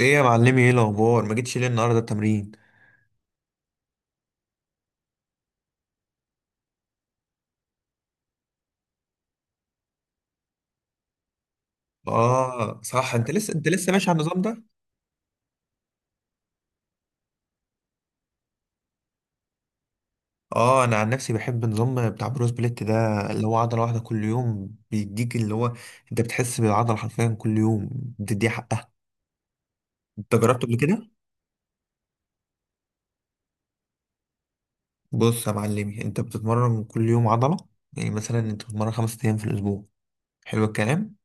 ايه يا معلمي، ايه الاخبار؟ ما جيتش ليه النهارده التمرين؟ اه صح، انت لسه ماشي على النظام ده؟ اه، انا عن نفسي بحب النظام بتاع بروس بليت ده، اللي هو عضله واحده كل يوم، بيديك اللي هو انت بتحس بالعضله حرفيا كل يوم، بتديها حقها. انت جربته قبل كده؟ بص يا معلمي، انت بتتمرن كل يوم عضله. يعني مثلا انت بتتمرن 5 ايام في الاسبوع. حلو الكلام.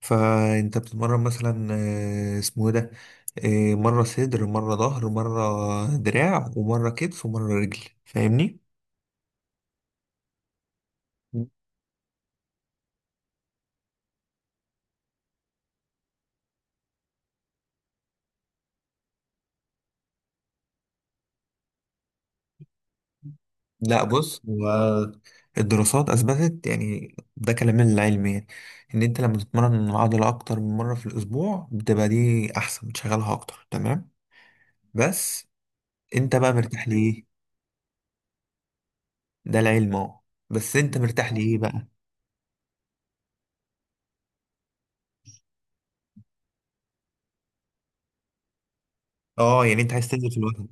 فانت بتتمرن مثلا، اسمه إيه ده، مرة صدر، مرة ظهر، مرة دراع، ومرة كتف، ومرة رجل. فاهمني؟ لا بص، هو الدراسات اثبتت، يعني ده كلام العلم يعني، ان انت لما تتمرن العضله اكتر من مره في الاسبوع، بتبقى دي احسن، بتشغلها اكتر، تمام. بس انت بقى مرتاح ليه؟ ده العلم اهو. بس انت مرتاح ليه بقى؟ اه، يعني انت عايز تنزل في الوزن؟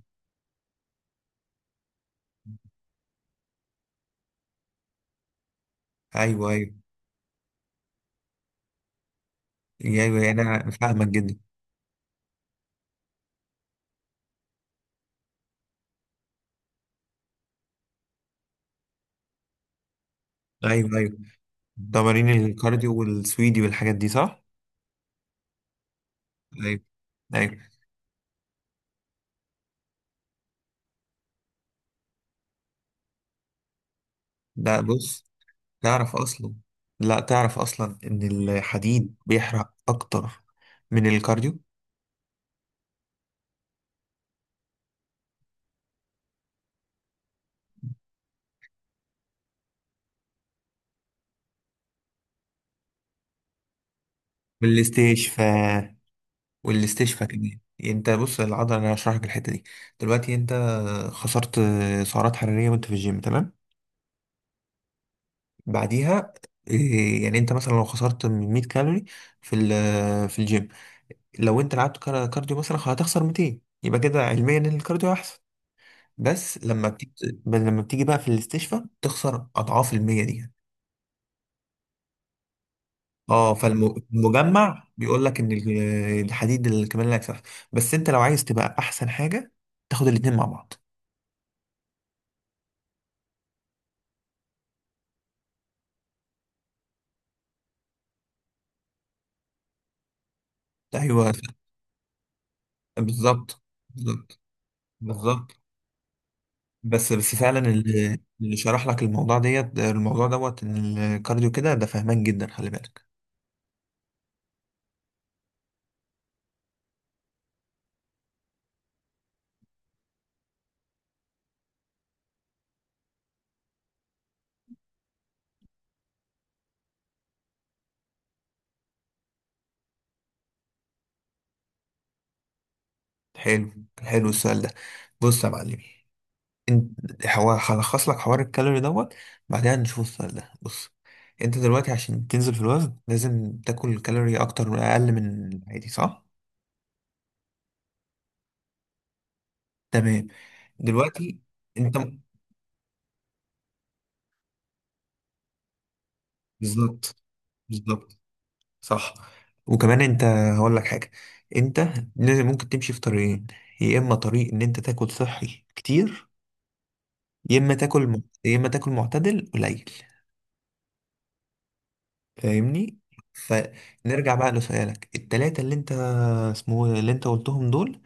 ايوه، ايوه، ايوه، يعني انا فاهمك جدا. ايوه، ايوه، تمارين الكارديو والسويدي والحاجات دي، صح؟ ايوه، ايوه. لا بص، تعرف اصلا، لا تعرف اصلا ان الحديد بيحرق اكتر من الكارديو. والاستشفاء والاستشفاء كمان. انت بص، العضله انا هشرح لك الحته دي. دلوقتي انت خسرت سعرات حراريه وانت في الجيم، تمام. بعديها يعني انت مثلا لو خسرت 100 كالوري في الجيم، لو انت لعبت كارديو مثلا هتخسر 200، يبقى كده علميا ان الكارديو احسن. بس لما بتيجي بقى في الاستشفاء تخسر اضعاف المية دي. اه، فالمجمع بيقول لك ان الحديد الكمال لا يكسف. بس انت لو عايز تبقى احسن حاجه، تاخد الاتنين مع بعض. ايوه، بالظبط، بالظبط، بالظبط. بس فعلا اللي شرح لك الموضوع ديت الموضوع دوت ان الكارديو كده، ده فهمان جدا، خلي بالك. حلو، حلو السؤال ده. بص يا معلمي، انت هو هلخص لك حوار الكالوري دوت، بعدها نشوف السؤال ده. بص، انت دلوقتي عشان تنزل في الوزن، لازم تاكل كالوري اقل من العادي، صح؟ تمام. دلوقتي انت، بالظبط، بالظبط، صح. وكمان انت هقول لك حاجه، انت لازم، ممكن تمشي في طريقين: يا اما طريق ان انت تاكل صحي كتير، يا اما تاكل معتدل قليل. فاهمني؟ فنرجع بقى لسؤالك التلاتة اللي انت، اسمه ايه، اللي انت قلتهم دول.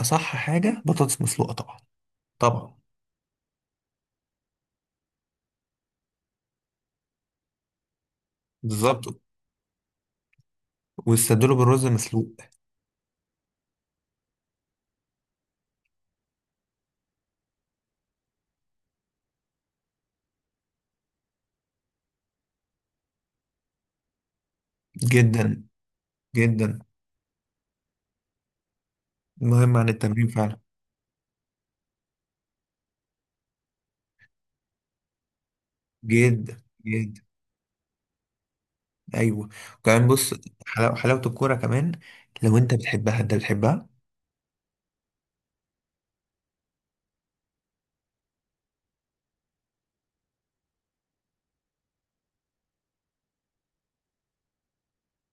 اصح حاجه بطاطس مسلوقه طبعا، طبعا، بالظبط. والصدور بالرز مسلوق. جدا، جدا، مهم عن التمرين فعلا، جدا، جدا. ايوه، كمان بص، حلاوة حلاوة الكورة كمان، لو انت بتحبها انت بتحبها.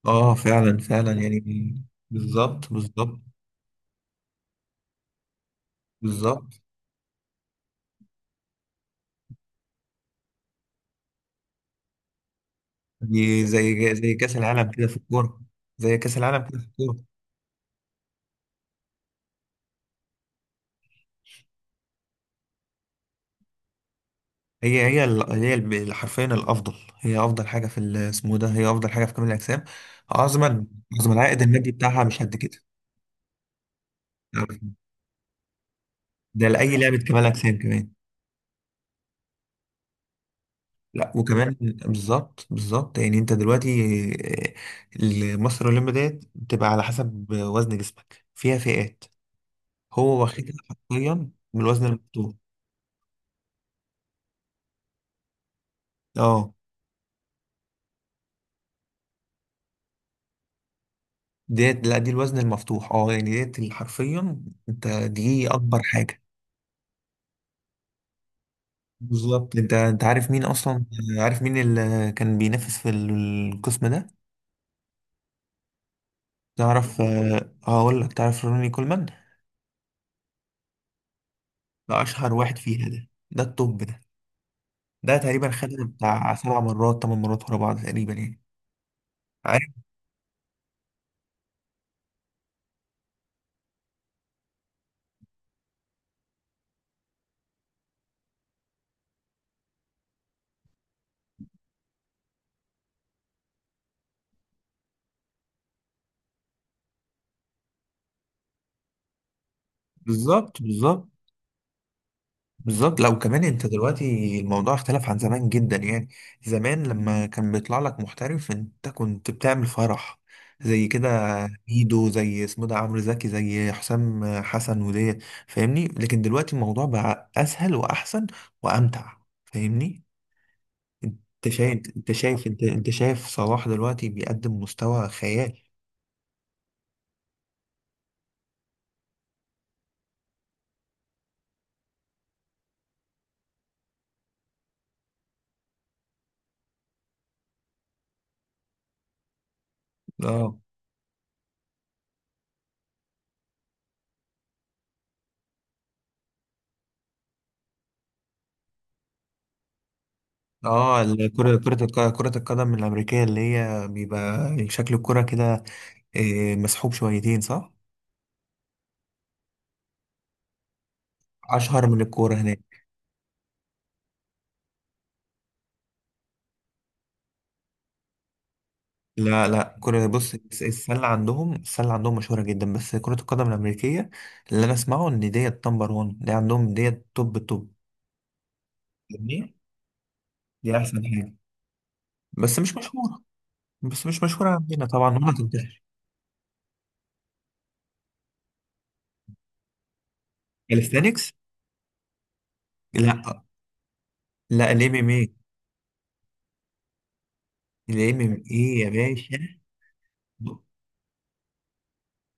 اه فعلا، فعلا يعني، بالظبط، بالظبط، بالظبط. دي زي كأس العالم كده في الكورة، زي كأس العالم كده في الكورة. حرفيا الافضل. هي افضل حاجة في كمال الاجسام. عظما، عظما، العائد المادي بتاعها مش قد كده، ده لأي لعبة كمال اجسام كمان. لا وكمان، بالظبط، بالظبط، يعني انت دلوقتي، مصر الاولمبي ديت بتبقى على حسب وزن جسمك، فيها فئات. هو واخدها حرفيا من الوزن المفتوح. اه ديت، لا دي الوزن المفتوح، اه يعني ديت اللي حرفيا انت دي اكبر حاجه. بالظبط، انت عارف مين اصلا، عارف مين اللي كان بينافس في القسم ده؟ تعرف، هقول لك، تعرف روني كولمان؟ ده اشهر واحد فيها، ده التوب ده. ده تقريبا خدها بتاع 7 مرات، 8 مرات ورا بعض تقريبا يعني. عارف، بالظبط، بالظبط، بالظبط. لو كمان انت دلوقتي، الموضوع اختلف عن زمان جدا يعني. زمان لما كان بيطلع لك محترف، انت كنت بتعمل فرح زي كده. ميدو، زي اسمه ده عمرو زكي، زي حسام حسن وديت، فاهمني؟ لكن دلوقتي الموضوع بقى اسهل واحسن وامتع. فاهمني؟ انت شايف صلاح دلوقتي بيقدم مستوى خيال. اه. كرة القدم الأمريكية اللي هي بيبقى شكل الكرة كده، مسحوب شويتين، صح؟ أشهر من الكورة هناك. لا، لا، كرة بص، السلة عندهم، السلة عندهم مشهورة جدا، بس كرة القدم الأمريكية، اللي أنا أسمعه إن ديت نمبر 1، دي عندهم ديت توب، توب. فاهمني؟ دي أحسن حاجة بس مش مشهورة بس مش مشهورة عندنا طبعا ولا تنتشر. كاليستانكس؟ لا، لا، الام ام ايه. الام ام ايه يا باشا.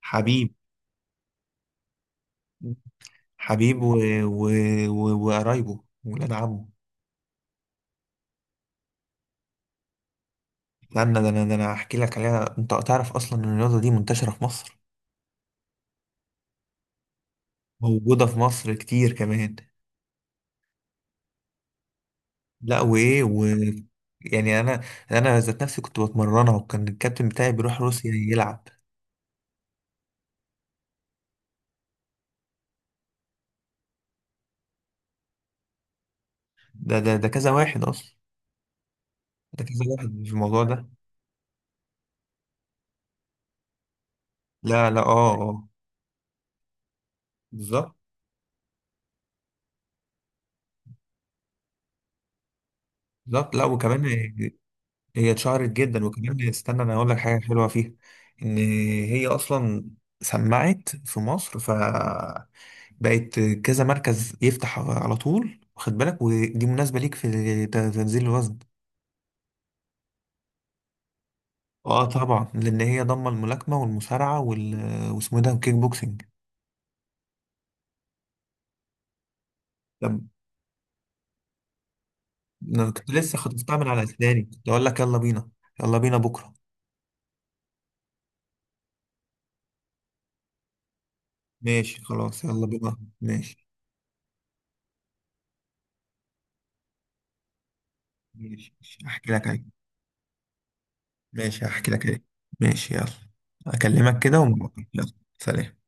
حبيب، حبيب، و... وقرايبه ولاد عمه. لأن ده أنا هحكي لك عليها. أنت تعرف أصلا إن الرياضة دي منتشرة في مصر، موجودة في مصر كتير كمان. لا وإيه و... يعني أنا، أنا ذات نفسي كنت بتمرنها، وكان الكابتن بتاعي بيروح روسيا يلعب. ده كذا واحد أصلا، ده كذا واحد في الموضوع ده. لا، لا، أه، أه، بالظبط، بالظبط. لا وكمان، هي اتشهرت جدا. وكمان استنى انا اقول لك حاجه حلوه فيها، ان هي اصلا سمعت في مصر، ف بقت كذا مركز يفتح على طول، واخد بالك، ودي مناسبه ليك في تنزيل الوزن. اه طبعا، لان هي ضمه الملاكمه والمصارعه وال... واسمه إيه ده، الكيك بوكسنج. طب انا كنت لسه خطفتها من على اسناني، كنت اقول لك يلا بينا، يلا بينا بكره. ماشي، خلاص، يلا بينا، ماشي، ماشي، ماشي. احكي لك عليه. ماشي، هحكي لك ليه. ماشي، يلا، اكلمك كده ونبقى، يلا. سلام.